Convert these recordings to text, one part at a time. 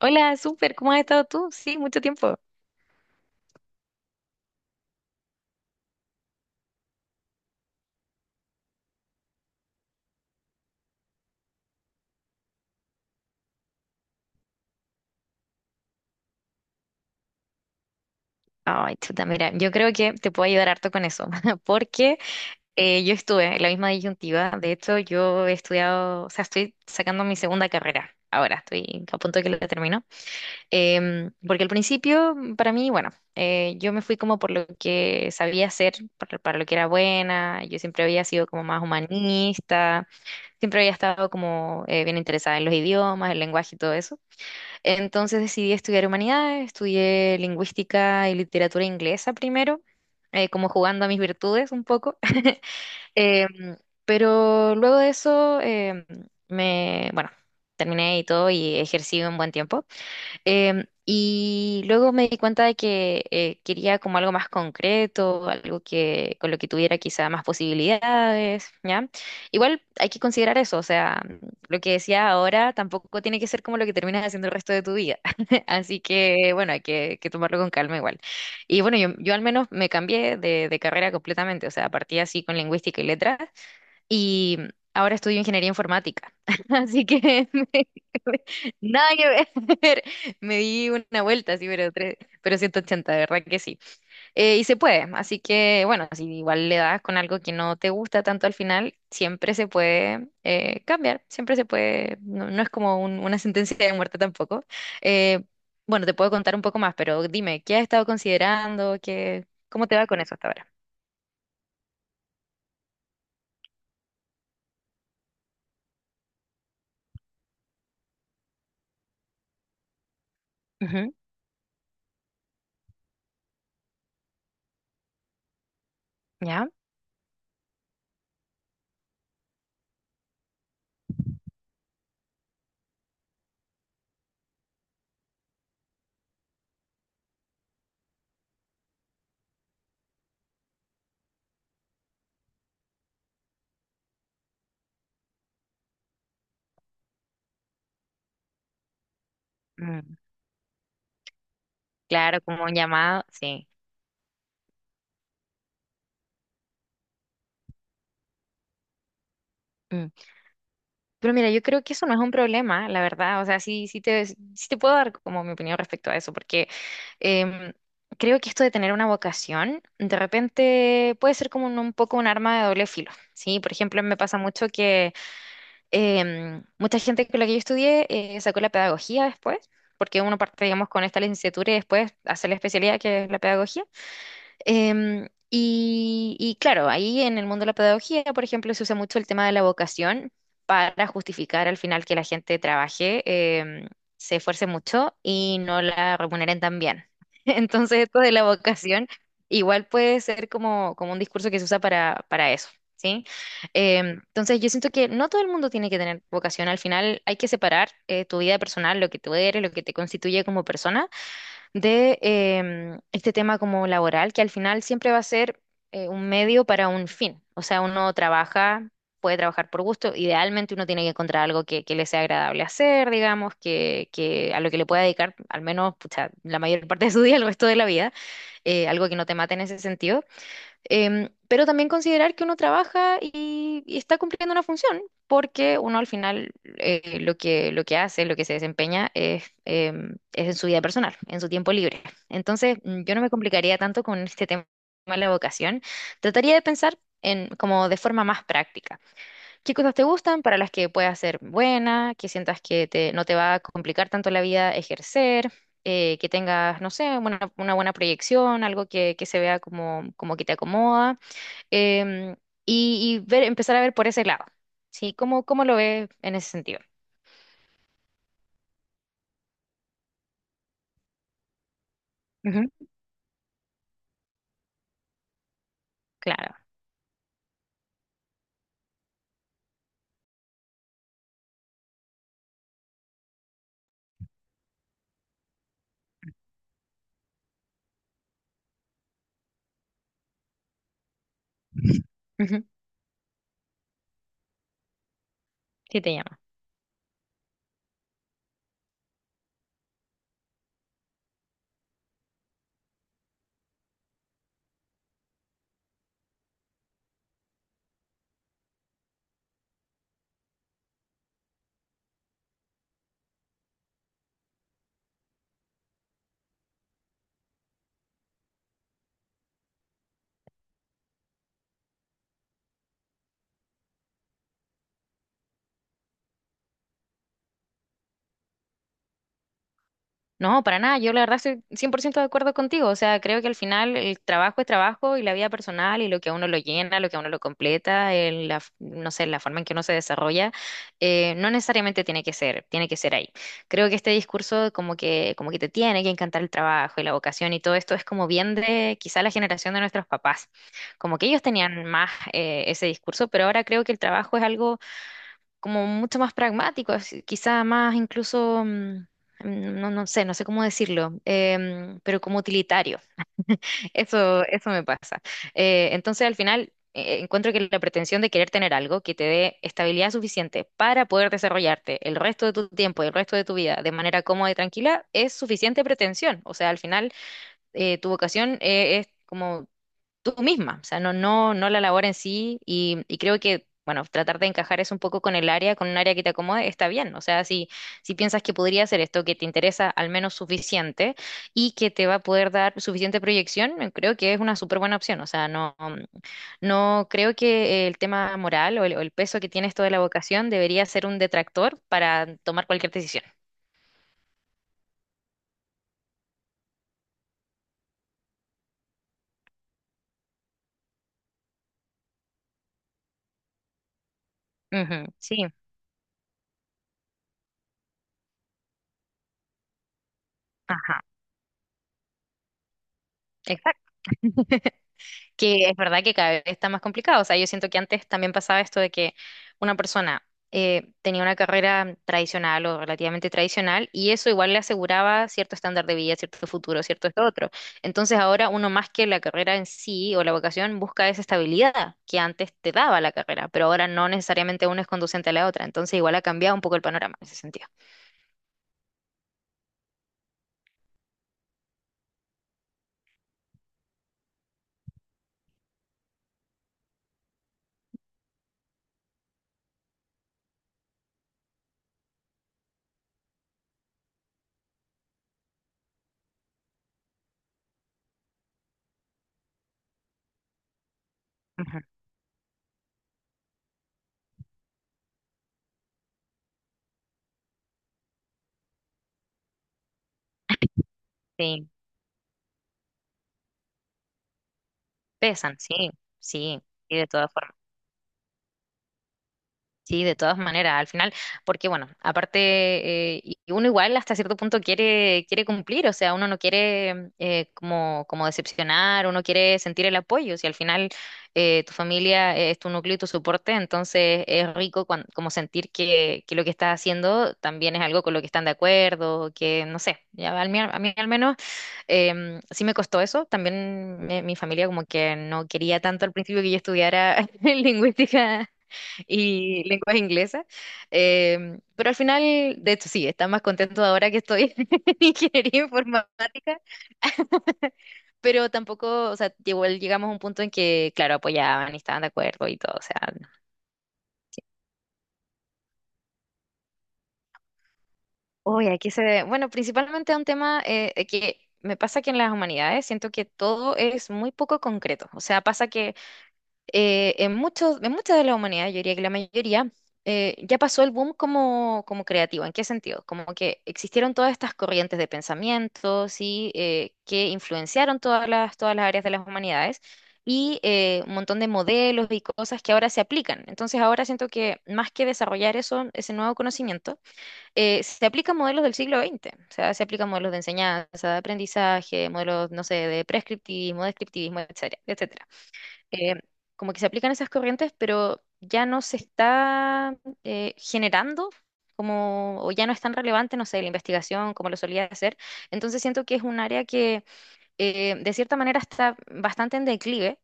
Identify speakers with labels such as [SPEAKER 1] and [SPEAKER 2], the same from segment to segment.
[SPEAKER 1] Hola, súper, ¿cómo has estado tú? Sí, mucho tiempo. Ay, chuta, mira, yo creo que te puedo ayudar harto con eso, porque yo estuve en la misma disyuntiva. De hecho, yo he estudiado, o sea, estoy sacando mi segunda carrera. Ahora estoy a punto de que la termino. Porque al principio, para mí, bueno, yo me fui como por lo que sabía hacer, para lo que era buena. Yo siempre había sido como más humanista, siempre había estado como bien interesada en los idiomas, el lenguaje y todo eso. Entonces decidí estudiar humanidades, estudié lingüística y literatura inglesa primero, como jugando a mis virtudes un poco. Em, pero luego de eso, bueno, terminé y todo y ejercí un buen tiempo. Y luego me di cuenta de que quería como algo más concreto, algo que con lo que tuviera quizá más posibilidades, ¿ya? Igual hay que considerar eso, o sea, lo que decía ahora tampoco tiene que ser como lo que terminas haciendo el resto de tu vida. Así que, bueno, hay que tomarlo con calma igual. Y bueno, yo al menos me cambié de carrera completamente, o sea, partí así con lingüística y letras y ahora estudio ingeniería informática. Así que me- nada que ver. Me di una vuelta, así, pero 180 de verdad que sí. Y se puede, así que bueno, si igual le das con algo que no te gusta tanto al final, siempre se puede cambiar, siempre se puede, no, no es como una sentencia de muerte tampoco. Eh, bueno, te puedo contar un poco más, pero dime, ¿qué has estado considerando? ¿Cómo te va con eso hasta ahora? Ujú. ¿Ya? Mm, claro, como un llamado, sí. Mm. Pero mira, yo creo que eso no es un problema, la verdad. O sea, sí te puedo dar como mi opinión respecto a eso, porque em, creo que esto de tener una vocación, de repente puede ser como un poco un arma de doble filo, ¿sí? Por ejemplo, me pasa mucho que mucha gente con la que yo estudié sacó la pedagogía después, porque uno parte, digamos, con esta licenciatura y después hace la especialidad que es la pedagogía. Y claro, ahí en el mundo de la pedagogía, por ejemplo, se usa mucho el tema de la vocación para justificar al final que la gente trabaje, em, se esfuerce mucho y no la remuneren tan bien. Entonces, esto de la vocación igual puede ser como un discurso que se usa para eso. ¿Sí? Entonces yo siento que no todo el mundo tiene que tener vocación. Al final hay que separar tu vida personal, lo que tú eres, lo que te constituye como persona, de este tema como laboral, que al final siempre va a ser un medio para un fin. O sea, uno trabaja, puede trabajar por gusto, idealmente uno tiene que encontrar algo que le sea agradable hacer, digamos, que a lo que le pueda dedicar al menos pucha, la mayor parte de su día, el resto de la vida, algo que no te mate en ese sentido. Pero también considerar que uno trabaja y está cumpliendo una función, porque uno al final lo que hace, lo que se desempeña es en su vida personal, en su tiempo libre. Entonces, yo no me complicaría tanto con este tema de la vocación. Trataría de pensar en, como de forma más práctica qué cosas te gustan para las que puedas ser buena, que sientas que te, no te va a complicar tanto la vida ejercer, que tengas, no sé, una buena proyección, algo que se vea como que te acomoda, em, y ver, empezar a ver por ese lado, ¿sí? ¿Cómo lo ves en ese sentido? Ujú, claro. Ujú, sí, te llama. No, para nada. Yo la verdad estoy 100% de acuerdo contigo. O sea, creo que al final el trabajo es trabajo y la vida personal y lo que a uno lo llena, lo que a uno lo completa, no sé, la forma en que uno se desarrolla, no necesariamente tiene que ser ahí. Creo que este discurso como que te tiene que encantar el trabajo y la vocación y todo esto es como bien de quizá la generación de nuestros papás. Como que ellos tenían más ese discurso, pero ahora creo que el trabajo es algo como mucho más pragmático, así, quizá más incluso, no, no sé cómo decirlo, pero como utilitario. Eso me pasa. Entonces, al final, encuentro que la pretensión de querer tener algo que te dé estabilidad suficiente para poder desarrollarte el resto de tu tiempo y el resto de tu vida de manera cómoda y tranquila es suficiente pretensión. O sea, al final, tu vocación, es como tú misma, o sea, no, no, no la labor en sí y creo que, bueno, tratar de encajar eso un poco con el área, con un área que te acomode, está bien, o sea, si piensas que podría hacer esto, que te interesa al menos suficiente y que te va a poder dar suficiente proyección, creo que es una súper buena opción, o sea, no, no creo que el tema moral o o el peso que tiene esto de la vocación debería ser un detractor para tomar cualquier decisión. Ujú, sí, ajá, exacto. Que es verdad que cada vez está más complicado. O sea, yo siento que antes también pasaba esto de que una persona tenía una carrera tradicional o relativamente tradicional y eso igual le aseguraba cierto estándar de vida, cierto futuro, cierto esto otro. Entonces ahora uno más que la carrera en sí o la vocación busca esa estabilidad que antes te daba la carrera, pero ahora no necesariamente una es conducente a la otra. Entonces igual ha cambiado un poco el panorama en ese sentido. Ujú. Sí, pesan, sí, sí, y de todas formas. Sí, de todas maneras, al final, porque bueno, aparte, y uno igual hasta cierto punto quiere cumplir, o sea, uno no quiere como decepcionar, uno quiere sentir el apoyo, si al final tu familia es tu núcleo y tu soporte, entonces es rico como sentir que lo que estás haciendo también es algo con lo que están de acuerdo, que no sé, ya, a mí al menos sí me costó eso, también mi familia como que no quería tanto al principio que yo estudiara lingüística y lenguas inglesas. Pero al final, de hecho, sí, está más contento ahora que estoy en ingeniería informática, pero tampoco, o sea, igual llegamos a un punto en que, claro, apoyaban y estaban de acuerdo y todo, o sea, uy, aquí se ve, bueno, principalmente a un tema que me pasa que en las humanidades siento que todo es muy poco concreto, o sea, pasa que en mucha de la humanidad, yo diría que la mayoría, ya pasó el boom como, como creativo. ¿En qué sentido? Como que existieron todas estas corrientes de pensamientos y que influenciaron todas las áreas de las humanidades y un montón de modelos y cosas que ahora se aplican. Entonces ahora siento que más que desarrollar eso, ese nuevo conocimiento, se aplican modelos del siglo XX. O sea, se aplican modelos de enseñanza, de aprendizaje, modelos, no sé, de prescriptivismo, descriptivismo, etcétera, etcétera eh, como que se aplican esas corrientes, pero ya no se está generando como, o ya no es tan relevante, no sé, la investigación como lo solía hacer. Entonces siento que es un área que de cierta manera está bastante en declive.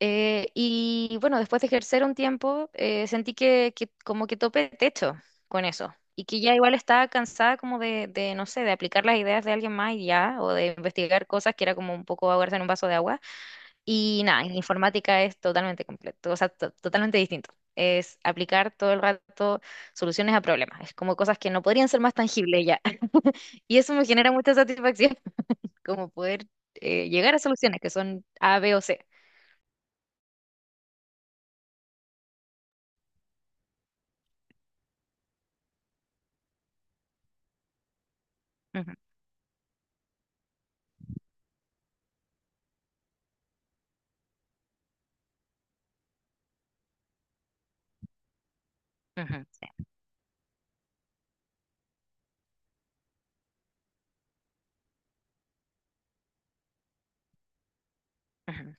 [SPEAKER 1] Y bueno, después de ejercer un tiempo, sentí que como que topé techo con eso. Y que ya igual estaba cansada como de, no sé, de aplicar las ideas de alguien más y ya, o de investigar cosas que era como un poco ahogarse en un vaso de agua. Y nada, en informática es totalmente completo, o sea, totalmente distinto. Es aplicar todo el rato soluciones a problemas. Es como cosas que no podrían ser más tangibles ya. Y eso me genera mucha satisfacción, como poder llegar a soluciones que son A, B o C. Ujú, ujú, sí, ujú.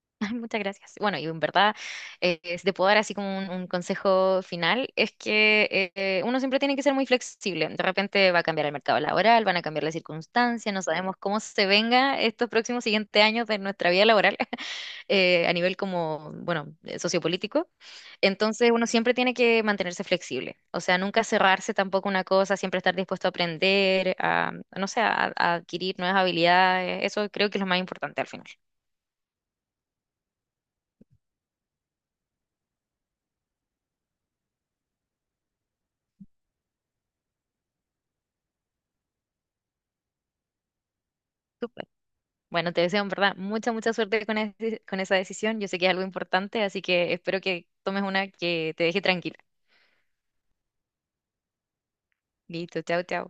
[SPEAKER 1] Ay, muchas gracias. Bueno, y en verdad, si te puedo dar así como un consejo final, es que uno siempre tiene que ser muy flexible. De repente va a cambiar el mercado laboral, van a cambiar las circunstancias, no sabemos cómo se venga estos próximos siguientes años de nuestra vida laboral a nivel como, bueno, sociopolítico. Entonces, uno siempre tiene que mantenerse flexible. O sea, nunca cerrarse tampoco una cosa, siempre estar dispuesto a aprender, a, no sé, a adquirir nuevas habilidades. Eso creo que es lo más importante al final. Súper. Bueno, te deseo en verdad mucha, mucha suerte con esa decisión. Yo sé que es algo importante, así que espero que tomes una que te deje tranquila. Listo, chao, chao.